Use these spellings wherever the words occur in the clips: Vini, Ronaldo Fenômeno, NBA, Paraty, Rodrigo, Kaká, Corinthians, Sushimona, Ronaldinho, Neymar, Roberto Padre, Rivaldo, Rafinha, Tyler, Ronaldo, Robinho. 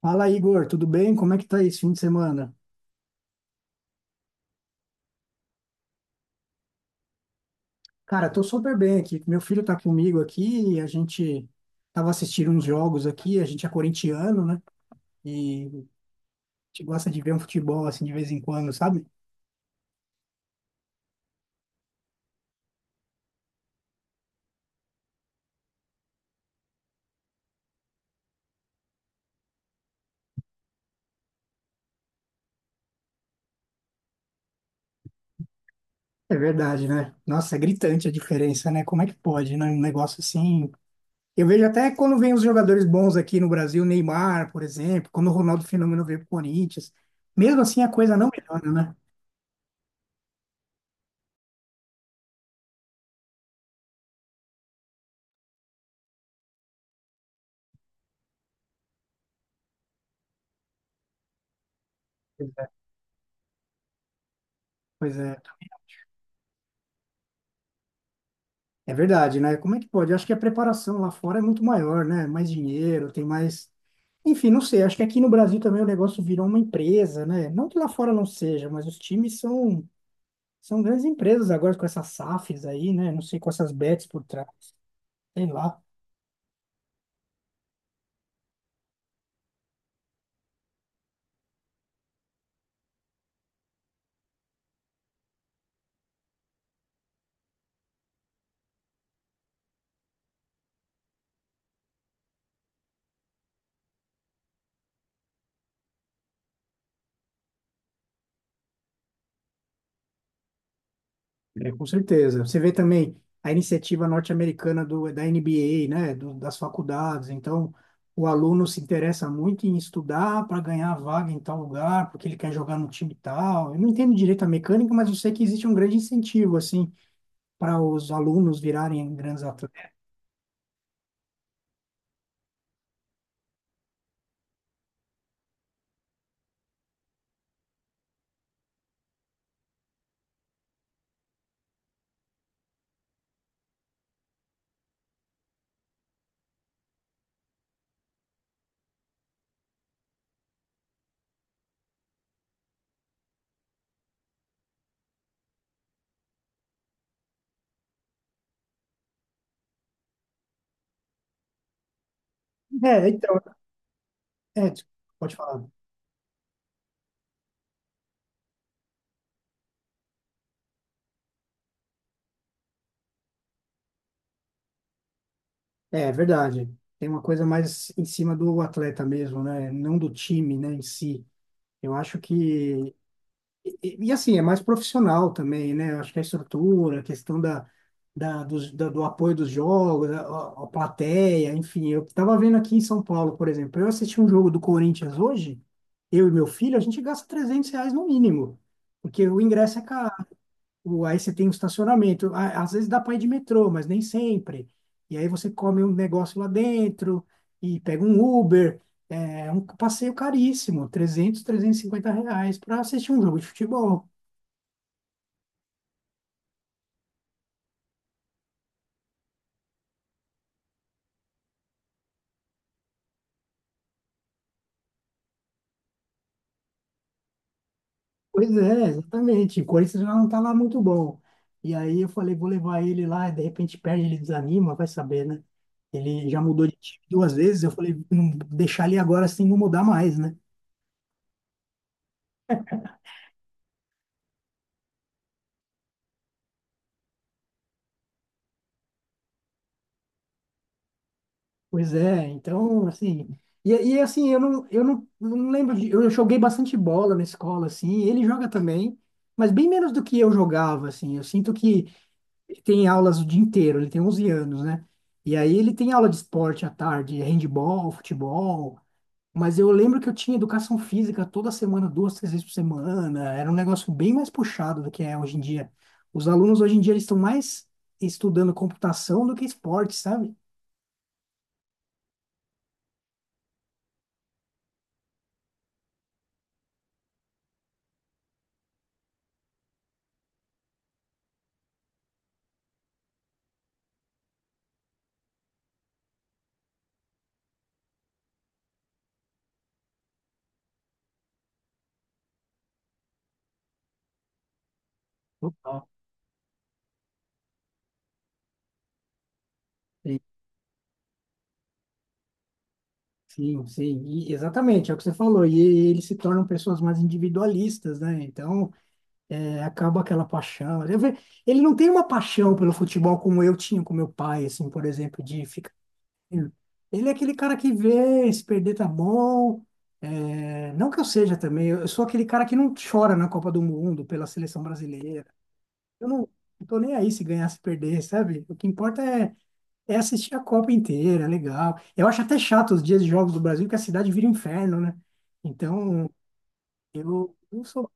Fala, Igor, tudo bem? Como é que tá esse fim de semana? Cara, tô super bem aqui. Meu filho tá comigo aqui e a gente tava assistindo uns jogos aqui. A gente é corintiano, né? E a gente gosta de ver um futebol assim de vez em quando, sabe? É verdade, né? Nossa, é gritante a diferença, né? Como é que pode, né? Um negócio assim. Eu vejo até quando vem os jogadores bons aqui no Brasil, Neymar, por exemplo, quando o Ronaldo Fenômeno veio pro Corinthians. Mesmo assim, a coisa não melhora, né? Pois é. Pois é. É verdade, né? Como é que pode? Eu acho que a preparação lá fora é muito maior, né? Mais dinheiro, tem mais. Enfim, não sei. Acho que aqui no Brasil também o negócio virou uma empresa, né? Não que lá fora não seja, mas os times são, são grandes empresas agora com essas SAFs aí, né? Não sei, com essas bets por trás, sei lá. É, com certeza. Você vê também a iniciativa norte-americana do da NBA, né, do, das faculdades. Então, o aluno se interessa muito em estudar para ganhar vaga em tal lugar, porque ele quer jogar no time tal. Eu não entendo direito a mecânica, mas eu sei que existe um grande incentivo assim para os alunos virarem grandes atletas. É, então, é, pode falar. É é verdade. Tem uma coisa mais em cima do atleta mesmo, né? Não do time, né, em si. Eu acho que e, assim, é mais profissional também, né? Eu acho que a estrutura, a questão da, da, dos- da- do apoio dos jogos, a plateia, enfim. Eu estava vendo aqui em São Paulo, por exemplo, eu assisti um jogo do Corinthians hoje, eu e meu filho, a gente gasta 300 reais no mínimo, porque o ingresso é caro, o- aí você tem o estacionamento, a- às vezes dá para ir de metrô, mas nem sempre. E aí você come um negócio lá dentro e pega um Uber. É é um passeio caríssimo, trezentos e cinquenta reais para assistir um jogo de futebol. Pois é, exatamente. O Corinthians já não tá lá muito bom. E aí eu falei, vou levar ele lá, e de repente perde, ele desanima, vai saber, né? Ele já mudou de time duas vezes, eu falei, não deixar ele agora assim não mudar mais, né? Pois é, então, assim. E assim, eu não lembro de. Eu joguei bastante bola na escola, assim, ele joga também, mas bem menos do que eu jogava, assim. Eu sinto que ele tem aulas o dia inteiro, ele tem 11 anos, né? E aí ele tem aula de esporte à tarde, handball, futebol. Mas eu lembro que eu tinha educação física toda semana, duas, três vezes por semana. Era um negócio bem mais puxado do que é hoje em dia. Os alunos hoje em dia eles estão mais estudando computação do que esporte, sabe? Total. Sim, sim, sim. E exatamente, é o que você falou. E eles se tornam pessoas mais individualistas, né? Então, é, acaba aquela paixão. Eu ve- ele não tem uma paixão pelo futebol como eu tinha com meu pai, assim, por exemplo, de ficar. Ele é aquele cara que vê, se perder tá bom. É, não que eu seja também, eu sou aquele cara que não chora na Copa do Mundo pela seleção brasileira. Eu não, não tô nem aí se ganhar, se perder, sabe? O que importa é, é assistir a Copa inteira, é legal. Eu acho até chato os dias de jogos do Brasil, que a cidade vira um inferno, né? Então, eu não sou.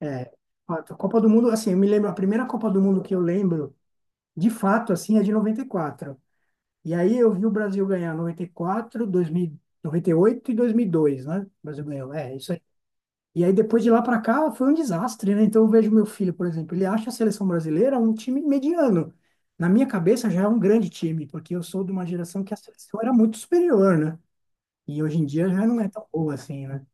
É, a Copa do Mundo, assim, eu me lembro, a primeira Copa do Mundo que eu lembro, de fato, assim, é de 94. E aí eu vi o Brasil ganhar noventa e quatro, dois mil noventa e oito e dois mil e dois, né? O Brasil ganhou, é, isso aí. E aí depois de lá para cá foi um desastre, né? Então eu vejo meu filho, por exemplo, ele acha a seleção brasileira um time mediano. Na minha cabeça já é um grande time, porque eu sou de uma geração que a seleção era muito superior, né? E hoje em dia já não é tão boa assim, né?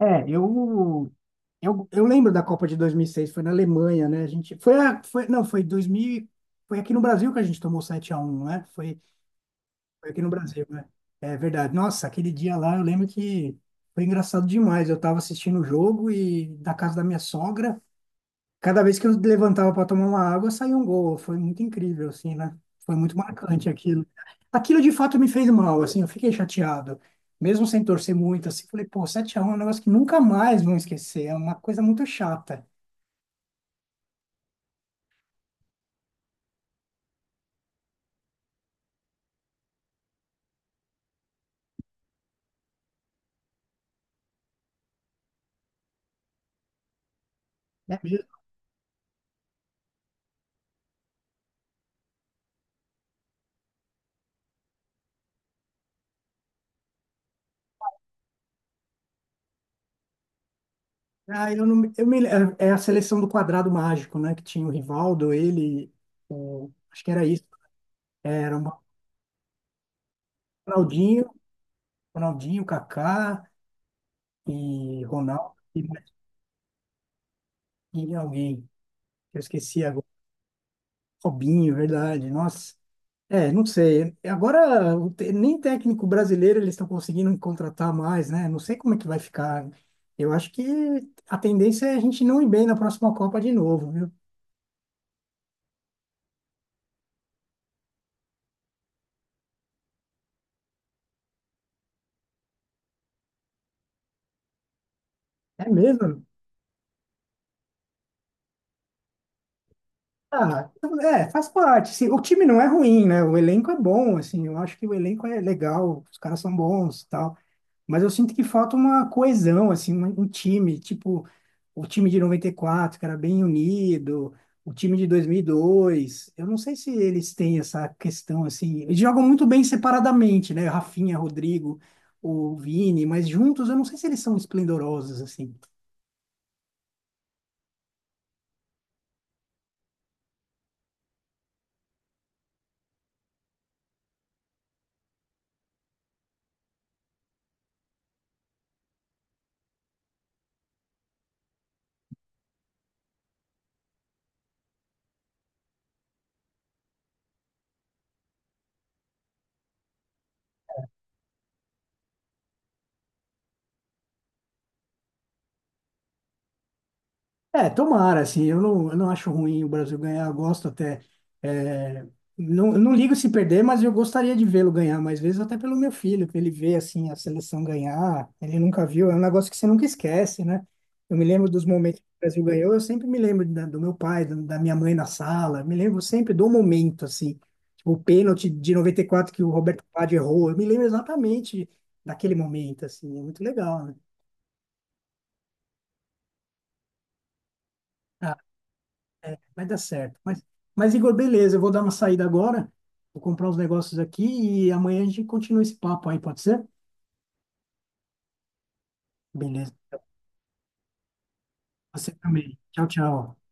É, eu lembro da Copa de 2006 foi na Alemanha, né? A gente foi, a, foi não, foi 2000, e- foi aqui no Brasil que a gente tomou 7 a um, né? Foi. Foi aqui no Brasil, né? É verdade. Nossa, aquele dia lá eu lembro que foi engraçado demais. Eu tava assistindo o jogo e da casa da minha sogra, cada vez que eu levantava para tomar uma água, saía um gol. Foi muito incrível, assim, né? Foi muito marcante aquilo. Aquilo de fato me fez mal, assim, eu fiquei chateado. Mesmo sem torcer muito, assim, falei, pô, sete a 1 é um negócio que nunca mais vão esquecer. É uma coisa muito chata. É. Mesmo- ah, eu não, me- eu me, é é a seleção do quadrado mágico, né? Que tinha o Rivaldo, ele, o, acho que era isso. Era Ronaldinho, Kaká e Ronaldo e mais e alguém. Eu esqueci agora. Robinho, verdade. Nossa. É, não sei. Agora o te- nem técnico brasileiro eles estão conseguindo contratar mais, né? Não sei como é que vai ficar. Eu acho que a tendência é a gente não ir bem na próxima Copa de novo, viu? É mesmo? Ah, é, faz parte. Se- o time não é ruim, né? O elenco é bom, assim. Eu acho que o elenco é legal, os caras são bons, tal. Mas eu sinto que falta uma coesão, assim, um time, tipo o time de 94, que era bem unido, o time de 2002. Eu não sei se eles têm essa questão, assim. Eles jogam muito bem separadamente, né? Rafinha, Rodrigo, o Vini, mas juntos eu não sei se eles são esplendorosos, assim. É, tomara, assim, eu não acho ruim o Brasil ganhar, eu gosto até. É, não, eu não ligo se perder, mas eu gostaria de vê-lo ganhar mais vezes, até pelo meu filho, que ele vê, assim, a seleção ganhar, ele nunca viu, é um negócio que você nunca esquece, né? Eu me lembro dos momentos que o Brasil ganhou, eu sempre me lembro da- do meu pai, do- da minha mãe na sala, eu me lembro sempre do momento, assim, tipo, o pênalti de 94 que o Roberto Padre errou, eu me lembro exatamente daquele momento, assim, é muito legal, né? Vai dar certo. Mas, Igor, beleza, eu vou dar uma saída agora, vou comprar uns negócios aqui e amanhã a gente continua esse papo aí, pode ser? Beleza. Você também. Tchau, tchau.